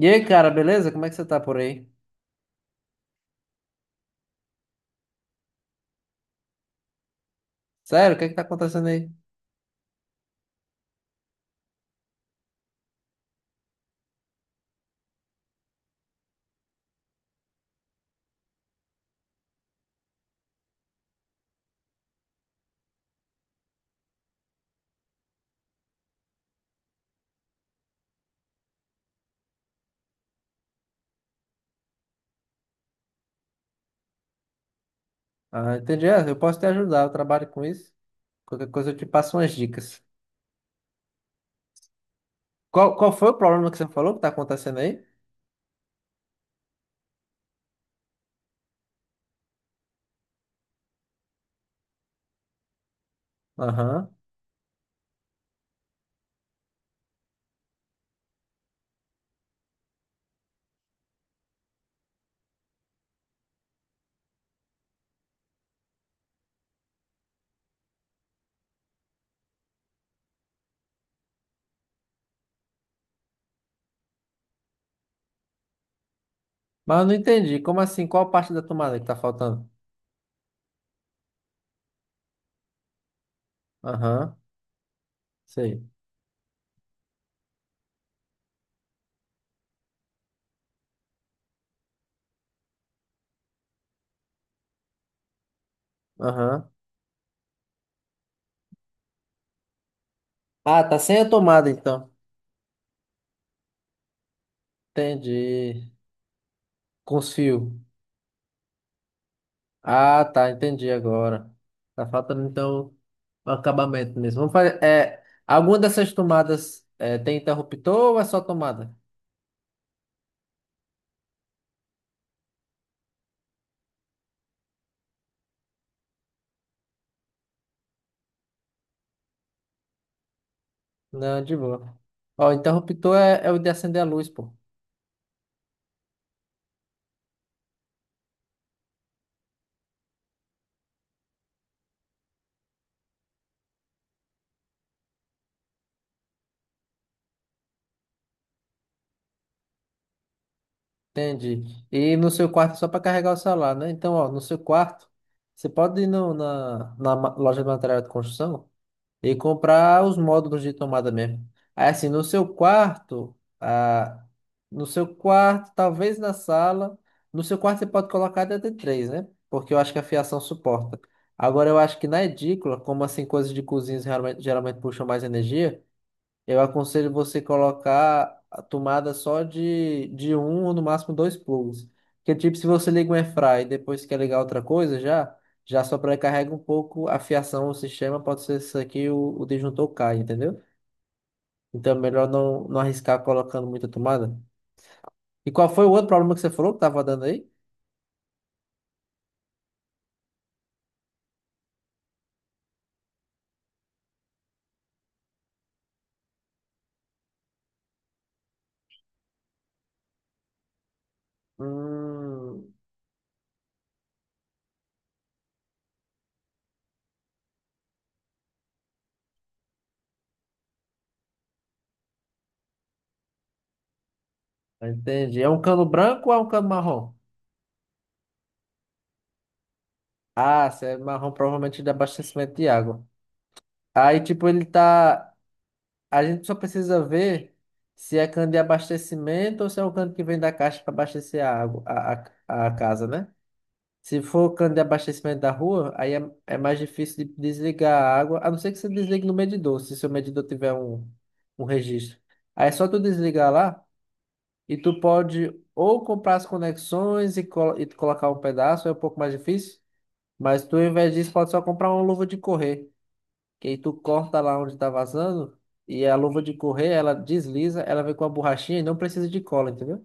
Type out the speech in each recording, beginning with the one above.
E aí, cara, beleza? Como é que você tá por aí? Sério, o que é que tá acontecendo aí? Ah, entendi. É, eu posso te ajudar, eu trabalho com isso. Qualquer coisa eu te passo umas dicas. Qual foi o problema que você falou que tá acontecendo aí? Aham. Mas eu não entendi. Como assim? Qual parte da tomada que tá faltando? Aham, sei. Aham. Ah, tá sem a tomada então. Entendi. Com os fios. Ah, tá, entendi agora. Tá faltando então o acabamento mesmo. Vamos fazer. É, alguma dessas tomadas tem interruptor ou é só tomada? Não, de boa. Ó, o interruptor é o de acender a luz, pô. Entende? E no seu quarto é só para carregar o celular, né? Então, ó, no seu quarto, você pode ir loja de material de construção e comprar os módulos de tomada mesmo. Aí, assim, no seu quarto, no seu quarto, talvez na sala, no seu quarto você pode colocar até três, né? Porque eu acho que a fiação suporta. Agora, eu acho que na edícula, como assim, coisas de cozinhas geralmente puxam mais energia. Eu aconselho você colocar a tomada só de um ou no máximo dois plugs. Porque, tipo, se você liga um airfry e depois quer ligar outra coisa, já sobrecarrega um pouco a fiação, o sistema, pode ser isso aqui, o disjuntor cai, entendeu? Então, é melhor não arriscar colocando muita tomada. E qual foi o outro problema que você falou que tava dando aí? Hum, entendi. É um cano branco ou é um cano marrom? Ah, se é marrom, provavelmente de abastecimento de água. Aí, tipo, ele tá. A gente só precisa ver se é cano de abastecimento ou se é o cano que vem da caixa para abastecer a água, a casa, né? Se for cano de abastecimento da rua, aí é, é mais difícil de desligar a água, a não ser que você desligue no medidor, se seu medidor tiver um registro. Aí é só tu desligar lá e tu pode ou comprar as conexões e colocar um pedaço, é um pouco mais difícil, mas tu, ao invés disso, pode só comprar uma luva de correr que aí tu corta lá onde tá vazando e a luva de correr, ela desliza, ela vem com a borrachinha e não precisa de cola, entendeu?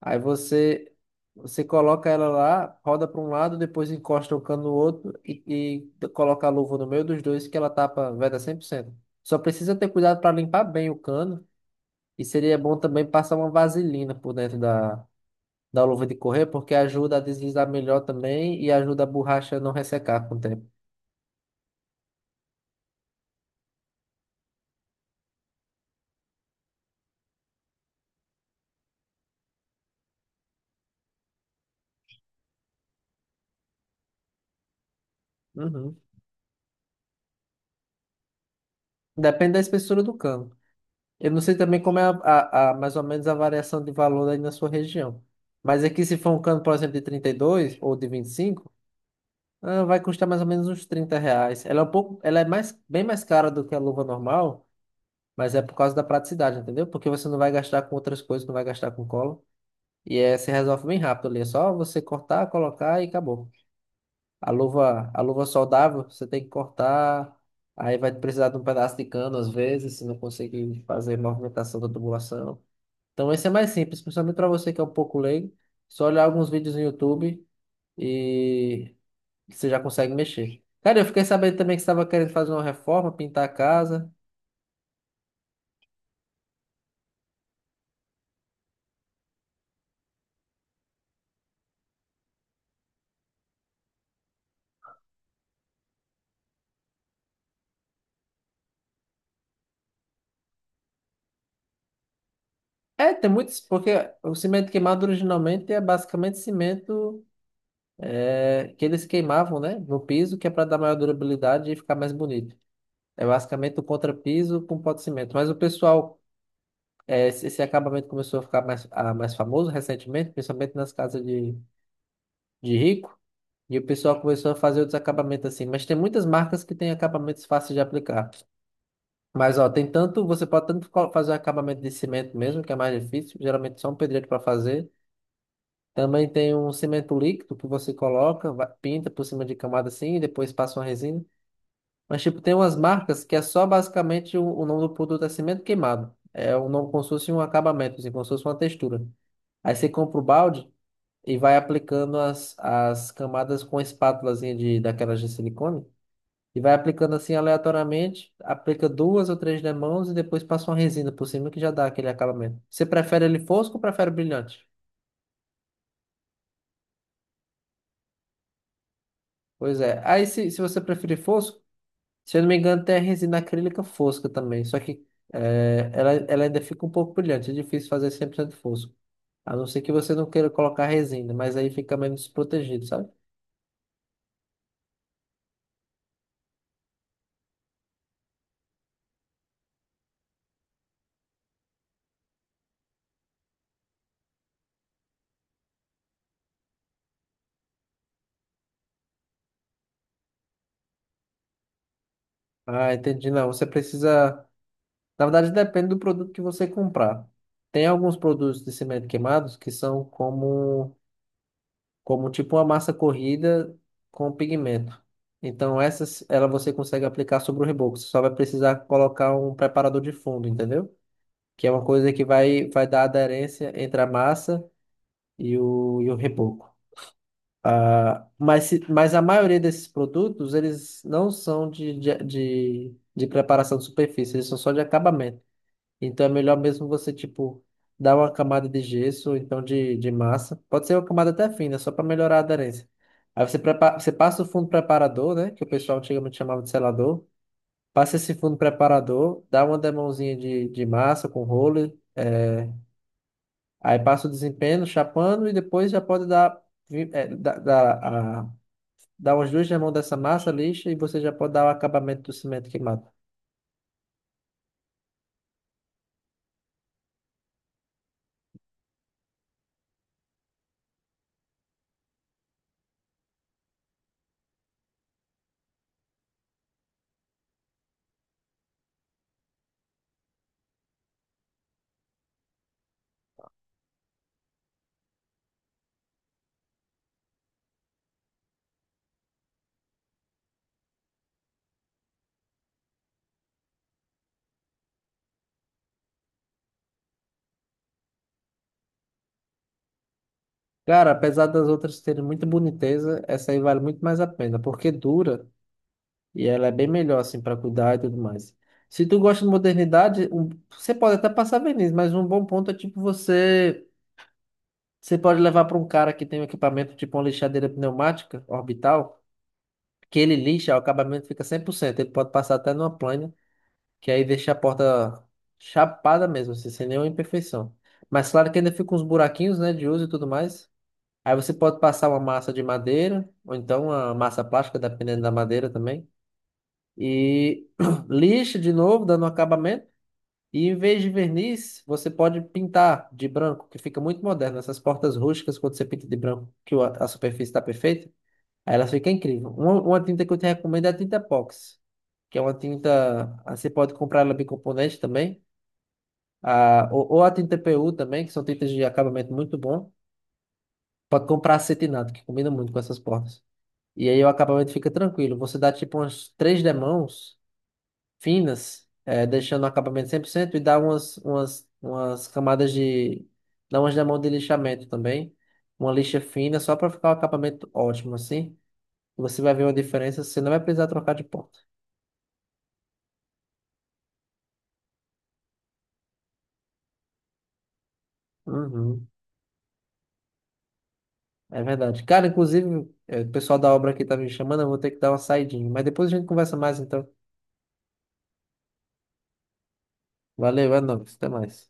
Aí você coloca ela lá, roda para um lado, depois encosta o cano no outro e coloca a luva no meio dos dois que ela tapa, veda 100%. Só precisa ter cuidado para limpar bem o cano e seria bom também passar uma vaselina por dentro da luva de correr, porque ajuda a deslizar melhor também e ajuda a borracha a não ressecar com o tempo. Uhum. Depende da espessura do cano. Eu não sei também como é mais ou menos a variação de valor aí na sua região. Mas aqui, se for um cano, por exemplo, de 32 ou de 25, ah, vai custar mais ou menos uns R$ 30. Ela é um pouco, ela é mais, bem mais cara do que a luva normal, mas é por causa da praticidade, entendeu? Porque você não vai gastar com outras coisas, não vai gastar com cola. E é, se resolve bem rápido ali. É só você cortar, colocar e acabou. A luva soldável, você tem que cortar. Aí vai precisar de um pedaço de cano, às vezes, se não conseguir fazer movimentação da tubulação. Então esse é mais simples, principalmente para você que é um pouco leigo. Só olhar alguns vídeos no YouTube e você já consegue mexer. Cara, eu fiquei sabendo também que você estava querendo fazer uma reforma, pintar a casa. É, tem muitos, porque o cimento queimado originalmente é basicamente cimento é, que eles queimavam, né, no piso, que é para dar maior durabilidade e ficar mais bonito. É basicamente o contrapiso com pó de cimento. Mas o pessoal, é, esse acabamento começou a ficar mais, mais famoso recentemente, principalmente nas casas de rico. E o pessoal começou a fazer outros acabamentos assim. Mas tem muitas marcas que têm acabamentos fáceis de aplicar. Mas, ó, tem tanto, você pode tanto fazer um acabamento de cimento mesmo, que é mais difícil, geralmente só um pedreiro para fazer. Também tem um cimento líquido que você coloca, pinta por cima de camada assim, e depois passa uma resina. Mas, tipo, tem umas marcas que é só basicamente o nome do produto é cimento queimado. É um nome como se fosse um acabamento, assim, como se fosse uma textura. Aí você compra o balde e vai aplicando as camadas com espátulazinha de, daquelas de silicone. E vai aplicando assim aleatoriamente, aplica duas ou três demãos e depois passa uma resina por cima que já dá aquele acabamento. Você prefere ele fosco ou prefere brilhante? Pois é. Aí se você preferir fosco, se eu não me engano, tem a resina acrílica fosca também. Só que é, ela ainda fica um pouco brilhante. É difícil fazer 100% fosco. A não ser que você não queira colocar resina, mas aí fica menos desprotegido, sabe? Ah, entendi. Não, você precisa. Na verdade, depende do produto que você comprar. Tem alguns produtos de cimento queimados que são como como tipo uma massa corrida com pigmento. Então essas, ela você consegue aplicar sobre o reboco. Você só vai precisar colocar um preparador de fundo, entendeu? Que é uma coisa que vai dar aderência entre a massa e o reboco. Ah, mas, mas a maioria desses produtos, eles não são de preparação de superfície, eles são só de acabamento. Então é melhor mesmo você, tipo, dar uma camada de gesso, ou então de massa. Pode ser uma camada até fina, só para melhorar a aderência. Aí você, prepara, você passa o fundo preparador, né? Que o pessoal antigamente chamava de selador. Passa esse fundo preparador, dá uma demãozinha de massa com roller. É, aí passa o desempenho, chapando, e depois já pode dar, vi- é, dar, dar, a- dar umas duas demãos dessa massa lixa e você já pode dar o acabamento do cimento queimado. Cara, apesar das outras terem muita boniteza, essa aí vale muito mais a pena, porque dura e ela é bem melhor, assim, para cuidar e tudo mais. Se tu gosta de modernidade, você pode até passar verniz, mas um bom ponto é tipo você. Você pode levar para um cara que tem um equipamento tipo uma lixadeira pneumática orbital, que ele lixa, o acabamento fica 100%. Ele pode passar até numa plana, que aí deixa a porta chapada mesmo, assim, sem nenhuma imperfeição. Mas claro que ainda fica uns buraquinhos, né, de uso e tudo mais. Aí você pode passar uma massa de madeira, ou então uma massa plástica, dependendo da madeira também. E lixa de novo, dando um acabamento. E em vez de verniz, você pode pintar de branco, que fica muito moderno. Essas portas rústicas, quando você pinta de branco, a superfície está perfeita, aí elas ficam incríveis. Uma tinta que eu te recomendo é a tinta epox, que é uma tinta. Você pode comprar ela bicomponente também, ou a tinta PU também, que são tintas de acabamento muito bom. Pode comprar acetinado, que combina muito com essas portas. E aí o acabamento fica tranquilo. Você dá tipo umas três demãos finas, é, deixando o acabamento 100% e dá umas camadas de... Dá umas demãos de lixamento também. Uma lixa fina só para ficar o acabamento ótimo assim. Você vai ver uma diferença, você não vai precisar trocar de ponta. Uhum, é verdade. Cara, inclusive, é, o pessoal da obra aqui tá me chamando, eu vou ter que dar uma saidinha. Mas depois a gente conversa mais então. Valeu, é nóis, até mais.